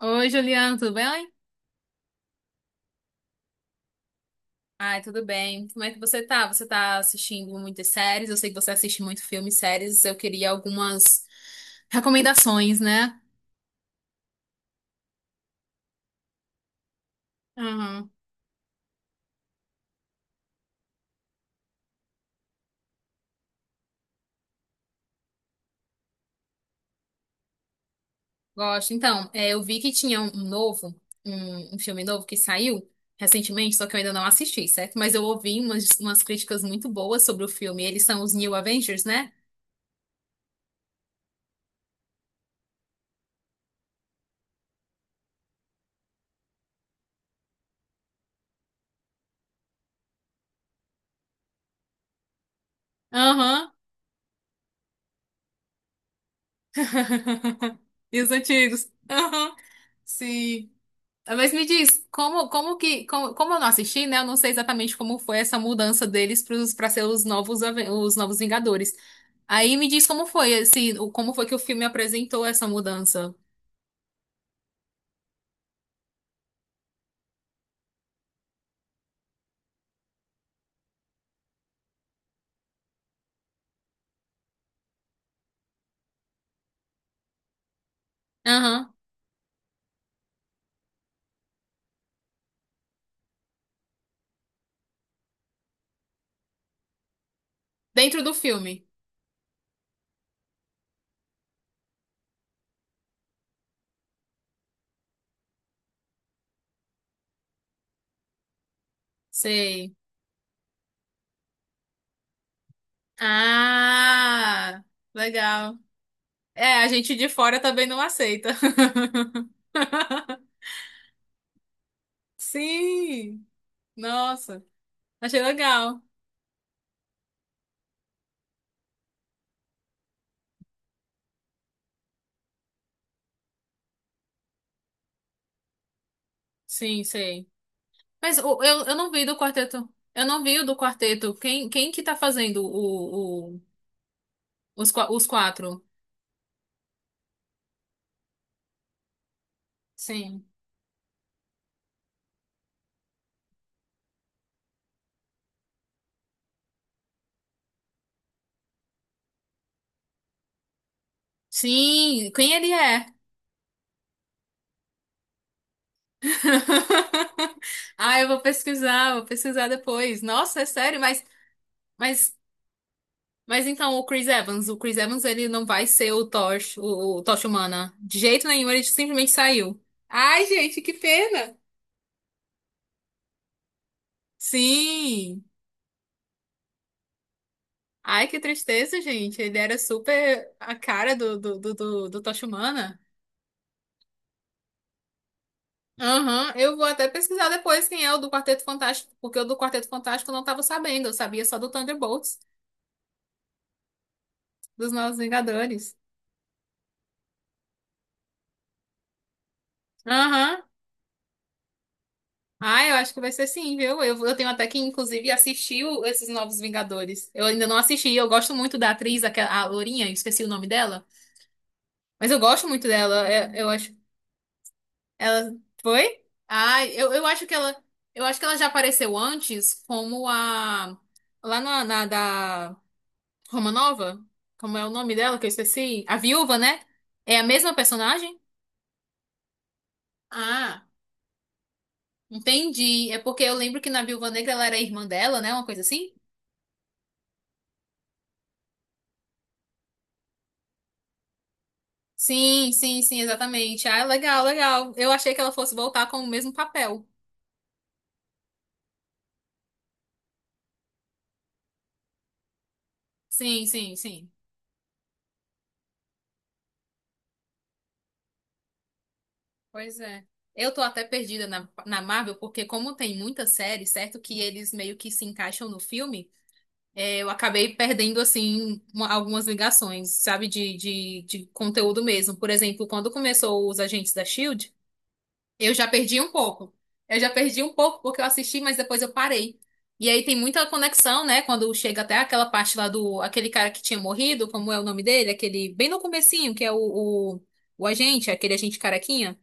Oi, Juliana, tudo bem? Ai, tudo bem. Como é que você tá? Você tá assistindo muitas séries? Eu sei que você assiste muito filme e séries. Eu queria algumas recomendações, né? Aham, gosto. Então, eu vi que tinha um novo, um filme novo que saiu recentemente, só que eu ainda não assisti, certo? Mas eu ouvi umas críticas muito boas sobre o filme. Eles são os New Avengers, né? Aham. E os antigos? Aham. Sim. Ah, mas me diz, como eu não assisti, né? Eu não sei exatamente como foi essa mudança deles para ser os novos, os novos Vingadores. Aí me diz como foi, como foi que o filme apresentou essa mudança. Aham. Dentro do filme. Sei. Ah, legal. É, a gente de fora também não aceita. Sim. Nossa, achei legal. Sim, sei. Mas eu não vi do quarteto. Eu não vi o do quarteto. Quem que tá fazendo o, os, os quatro. Sim. Sim, quem ele é? Ah, eu vou pesquisar depois. Nossa, é sério, mas, mas então o Chris Evans, ele não vai ser o Tosh, o Tocha Humana. De jeito nenhum, ele simplesmente saiu. Ai, gente, que pena. Sim! Ai, que tristeza, gente. Ele era super a cara do Tocha Humana. Aham, eu vou até pesquisar depois quem é o do Quarteto Fantástico, porque o do Quarteto Fantástico eu não estava sabendo, eu sabia só do Thunderbolts, dos Novos Vingadores. Aham, ah, eu acho que vai ser sim, viu? Eu tenho até que, inclusive, assistir esses Novos Vingadores. Eu ainda não assisti, eu gosto muito da atriz, aquela, a Lourinha, eu esqueci o nome dela, mas eu gosto muito dela, acho. Ela foi? Ah, eu acho que ela, eu acho que ela já apareceu antes como a. Lá na da. Romanova? Como é o nome dela que eu esqueci? A viúva, né? É a mesma personagem? Ah, entendi. É porque eu lembro que na Viúva Negra ela era irmã dela, né? Uma coisa assim? Sim, sim, sim, exatamente. Ah, legal, legal. Eu achei que ela fosse voltar com o mesmo papel. Sim, sim, sim. Pois é. Eu tô até perdida na Marvel, porque como tem muita série, certo? Que eles meio que se encaixam no filme. É, eu acabei perdendo, assim, algumas ligações, sabe, de conteúdo mesmo. Por exemplo, quando começou os Agentes da Shield, eu já perdi um pouco. Eu já perdi um pouco porque eu assisti, mas depois eu parei. E aí tem muita conexão, né? Quando chega até aquela parte lá do, aquele cara que tinha morrido, como é o nome dele? Aquele, bem no comecinho, que é o, o agente, aquele agente carequinha.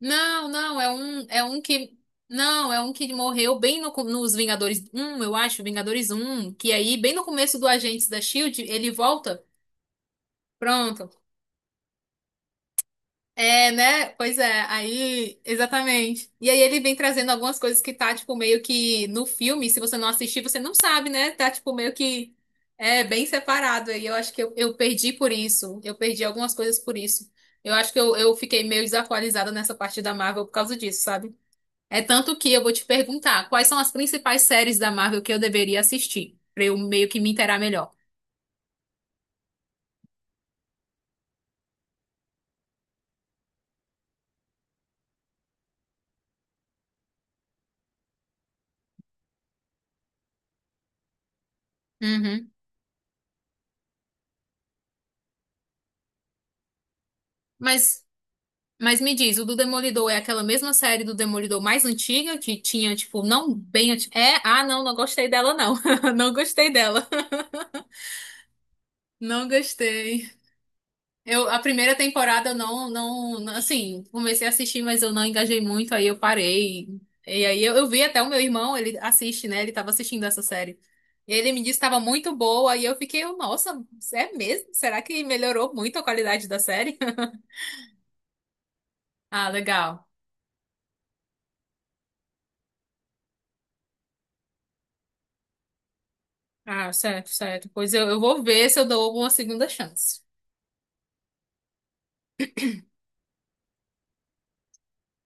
Não, não, é um que. Não, é um que morreu bem no co- nos Vingadores um, eu acho, Vingadores um, que aí, bem no começo do Agentes da Shield, ele volta. Pronto. É, né? Pois é, aí, exatamente. E aí ele vem trazendo algumas coisas que tá, tipo, meio que no filme, se você não assistir, você não sabe, né? Tá, tipo, meio que é bem separado. E eu acho que eu perdi por isso. Eu perdi algumas coisas por isso. Eu acho que eu fiquei meio desatualizada nessa parte da Marvel por causa disso, sabe? É tanto que eu vou te perguntar quais são as principais séries da Marvel que eu deveria assistir, pra eu meio que me inteirar melhor. Uhum. Mas, mas me diz, o do Demolidor é aquela mesma série do Demolidor mais antiga que tinha, tipo, não bem antiga. É, ah, não gostei dela, não. Não gostei dela. Não gostei. Eu, a primeira temporada eu assim, comecei a assistir, mas eu não engajei muito, aí eu parei. E aí eu vi até o meu irmão, ele assiste, né? Ele tava assistindo essa série. Ele me disse que estava muito boa, e eu fiquei, nossa, é mesmo? Será que melhorou muito a qualidade da série? Ah, legal. Ah, certo, certo. Pois eu vou ver se eu dou uma segunda chance.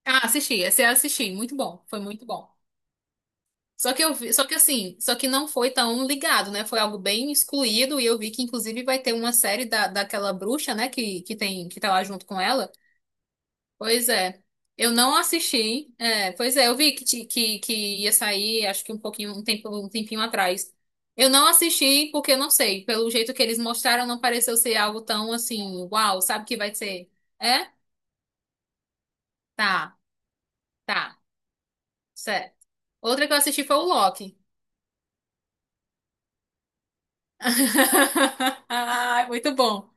Ah, assisti, esse eu assisti, muito bom, foi muito bom. Só que eu vi, só que assim, só que não foi tão ligado, né? Foi algo bem excluído e eu vi que inclusive vai ter uma série daquela bruxa, né, que tem que tá lá junto com ela. Pois é. Eu não assisti. É, pois é, eu vi que, que ia sair, acho que um pouquinho, um tempo, um tempinho atrás. Eu não assisti porque eu não sei, pelo jeito que eles mostraram não pareceu ser algo tão assim, uau, sabe que vai ser? É? Tá, tá. Certo. Outra que eu assisti foi o Loki. Ai, muito bom.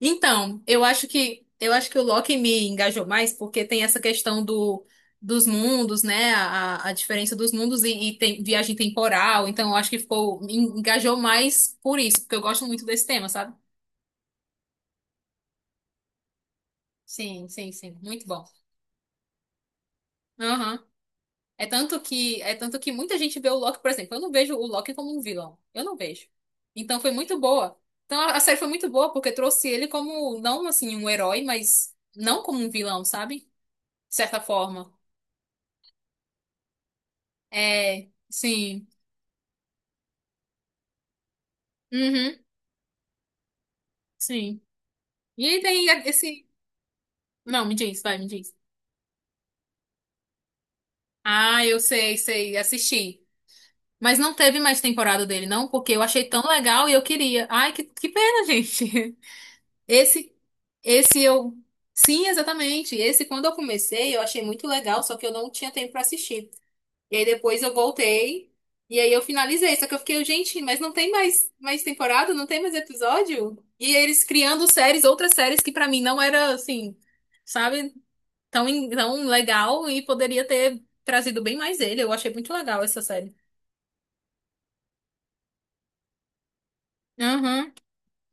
Então, eu acho que o Loki me engajou mais porque tem essa questão do, dos mundos, né? A diferença dos mundos e tem viagem temporal. Então, eu acho que ficou me engajou mais por isso, porque eu gosto muito desse tema, sabe? Sim, sim, sim, muito bom. Aham. É tanto que muita gente vê o Loki, por exemplo, eu não vejo o Loki como um vilão. Eu não vejo. Então, foi muito boa. Então, a série foi muito boa porque trouxe ele como não assim um herói, mas não como um vilão, sabe? De certa forma. É, sim. Uhum, sim. E aí tem esse. Não, me diz, vai, me diz. Ah, eu sei, sei, assisti. Mas não teve mais temporada dele, não, porque eu achei tão legal e eu queria. Ai, que pena, gente. Esse, esse eu. Sim, exatamente. Esse, quando eu comecei, eu achei muito legal, só que eu não tinha tempo pra assistir. E aí depois eu voltei. E aí eu finalizei. Só que eu fiquei, gente, mas não tem mais temporada? Não tem mais episódio? E eles criando séries, outras séries que pra mim não era assim, sabe, tão legal e poderia ter trazido bem mais ele. Eu achei muito legal essa série.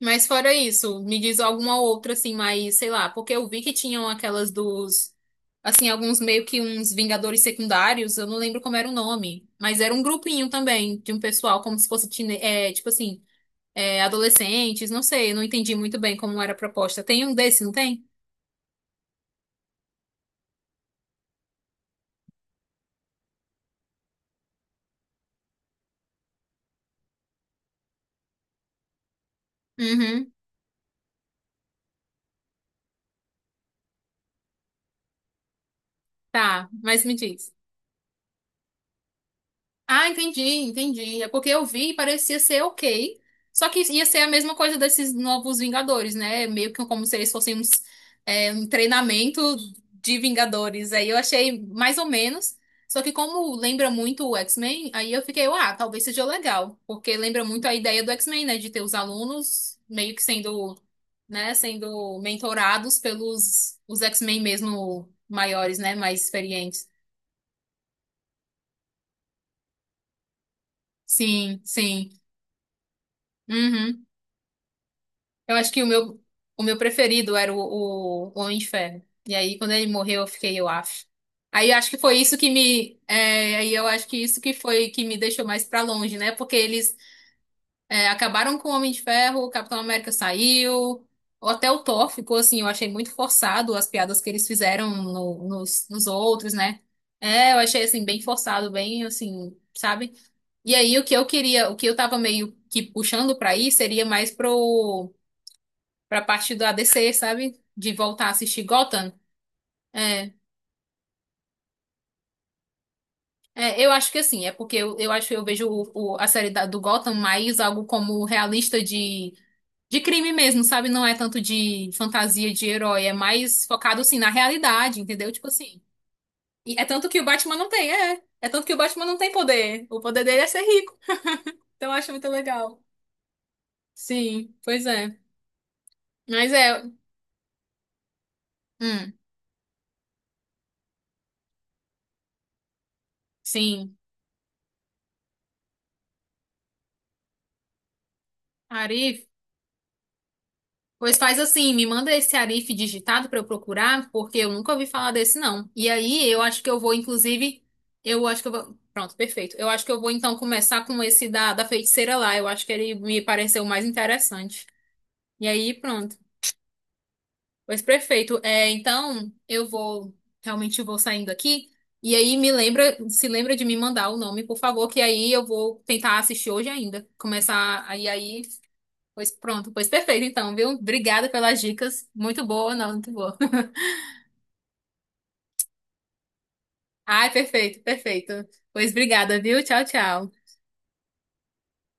Mas fora isso, me diz alguma outra assim, mais, sei lá, porque eu vi que tinham aquelas dos, assim, alguns meio que uns Vingadores secundários, eu não lembro como era o nome, mas era um grupinho também de um pessoal, como se fosse, tipo assim, adolescentes, não sei, eu não entendi muito bem como era a proposta. Tem um desse, não tem? Uhum, tá, mas me diz. Ah, entendi, entendi. É porque eu vi e parecia ser ok. Só que ia ser a mesma coisa desses novos Vingadores, né? Meio que como se eles fossem uns, um treinamento de Vingadores. Aí eu achei mais ou menos. Só que como lembra muito o X-Men, aí eu fiquei, ah, talvez seja legal. Porque lembra muito a ideia do X-Men, né? De ter os alunos meio que sendo, né? Sendo mentorados pelos os X-Men mesmo maiores, né? Mais experientes. Sim, sim. Uhum. Eu acho que o meu preferido era o Homem de Ferro. E aí, quando ele morreu, eu fiquei, eu acho. Aí eu acho que foi isso que me. Aí eu acho que isso que foi que me deixou mais pra longe, né? Porque eles acabaram com o Homem de Ferro, o Capitão América saiu, ou até o Thor ficou assim, eu achei muito forçado as piadas que eles fizeram nos outros, né? É, eu achei assim, bem forçado, bem assim, sabe? E aí o que eu queria, o que eu tava meio que puxando pra ir seria mais pro pra parte do a ADC, sabe? De voltar a assistir Gotham. É, é, eu acho que assim, é porque eu acho eu vejo a série do Gotham mais algo como realista de crime mesmo, sabe? Não é tanto de fantasia de herói, é mais focado assim na realidade, entendeu? Tipo assim. E é tanto que o Batman não tem, é. É tanto que o Batman não tem poder. O poder dele é ser rico. Então eu acho muito legal. Sim, pois é. Mas é. Hum, sim. Arif. Pois faz assim, me manda esse Arif digitado para eu procurar, porque eu nunca ouvi falar desse não. E aí, eu acho que eu vou, inclusive, eu acho que eu vou. Pronto, perfeito. Eu acho que eu vou então começar com esse da feiticeira lá. Eu acho que ele me pareceu mais interessante. E aí, pronto. Pois perfeito. É, então, eu vou, realmente vou saindo aqui. E aí, me lembra, se lembra de me mandar o nome, por favor, que aí eu vou tentar assistir hoje ainda. Começar, aí pois pronto, pois perfeito então, viu? Obrigada pelas dicas. Muito boa, não, muito boa. Ai, perfeito, perfeito. Pois obrigada, viu? Tchau, tchau.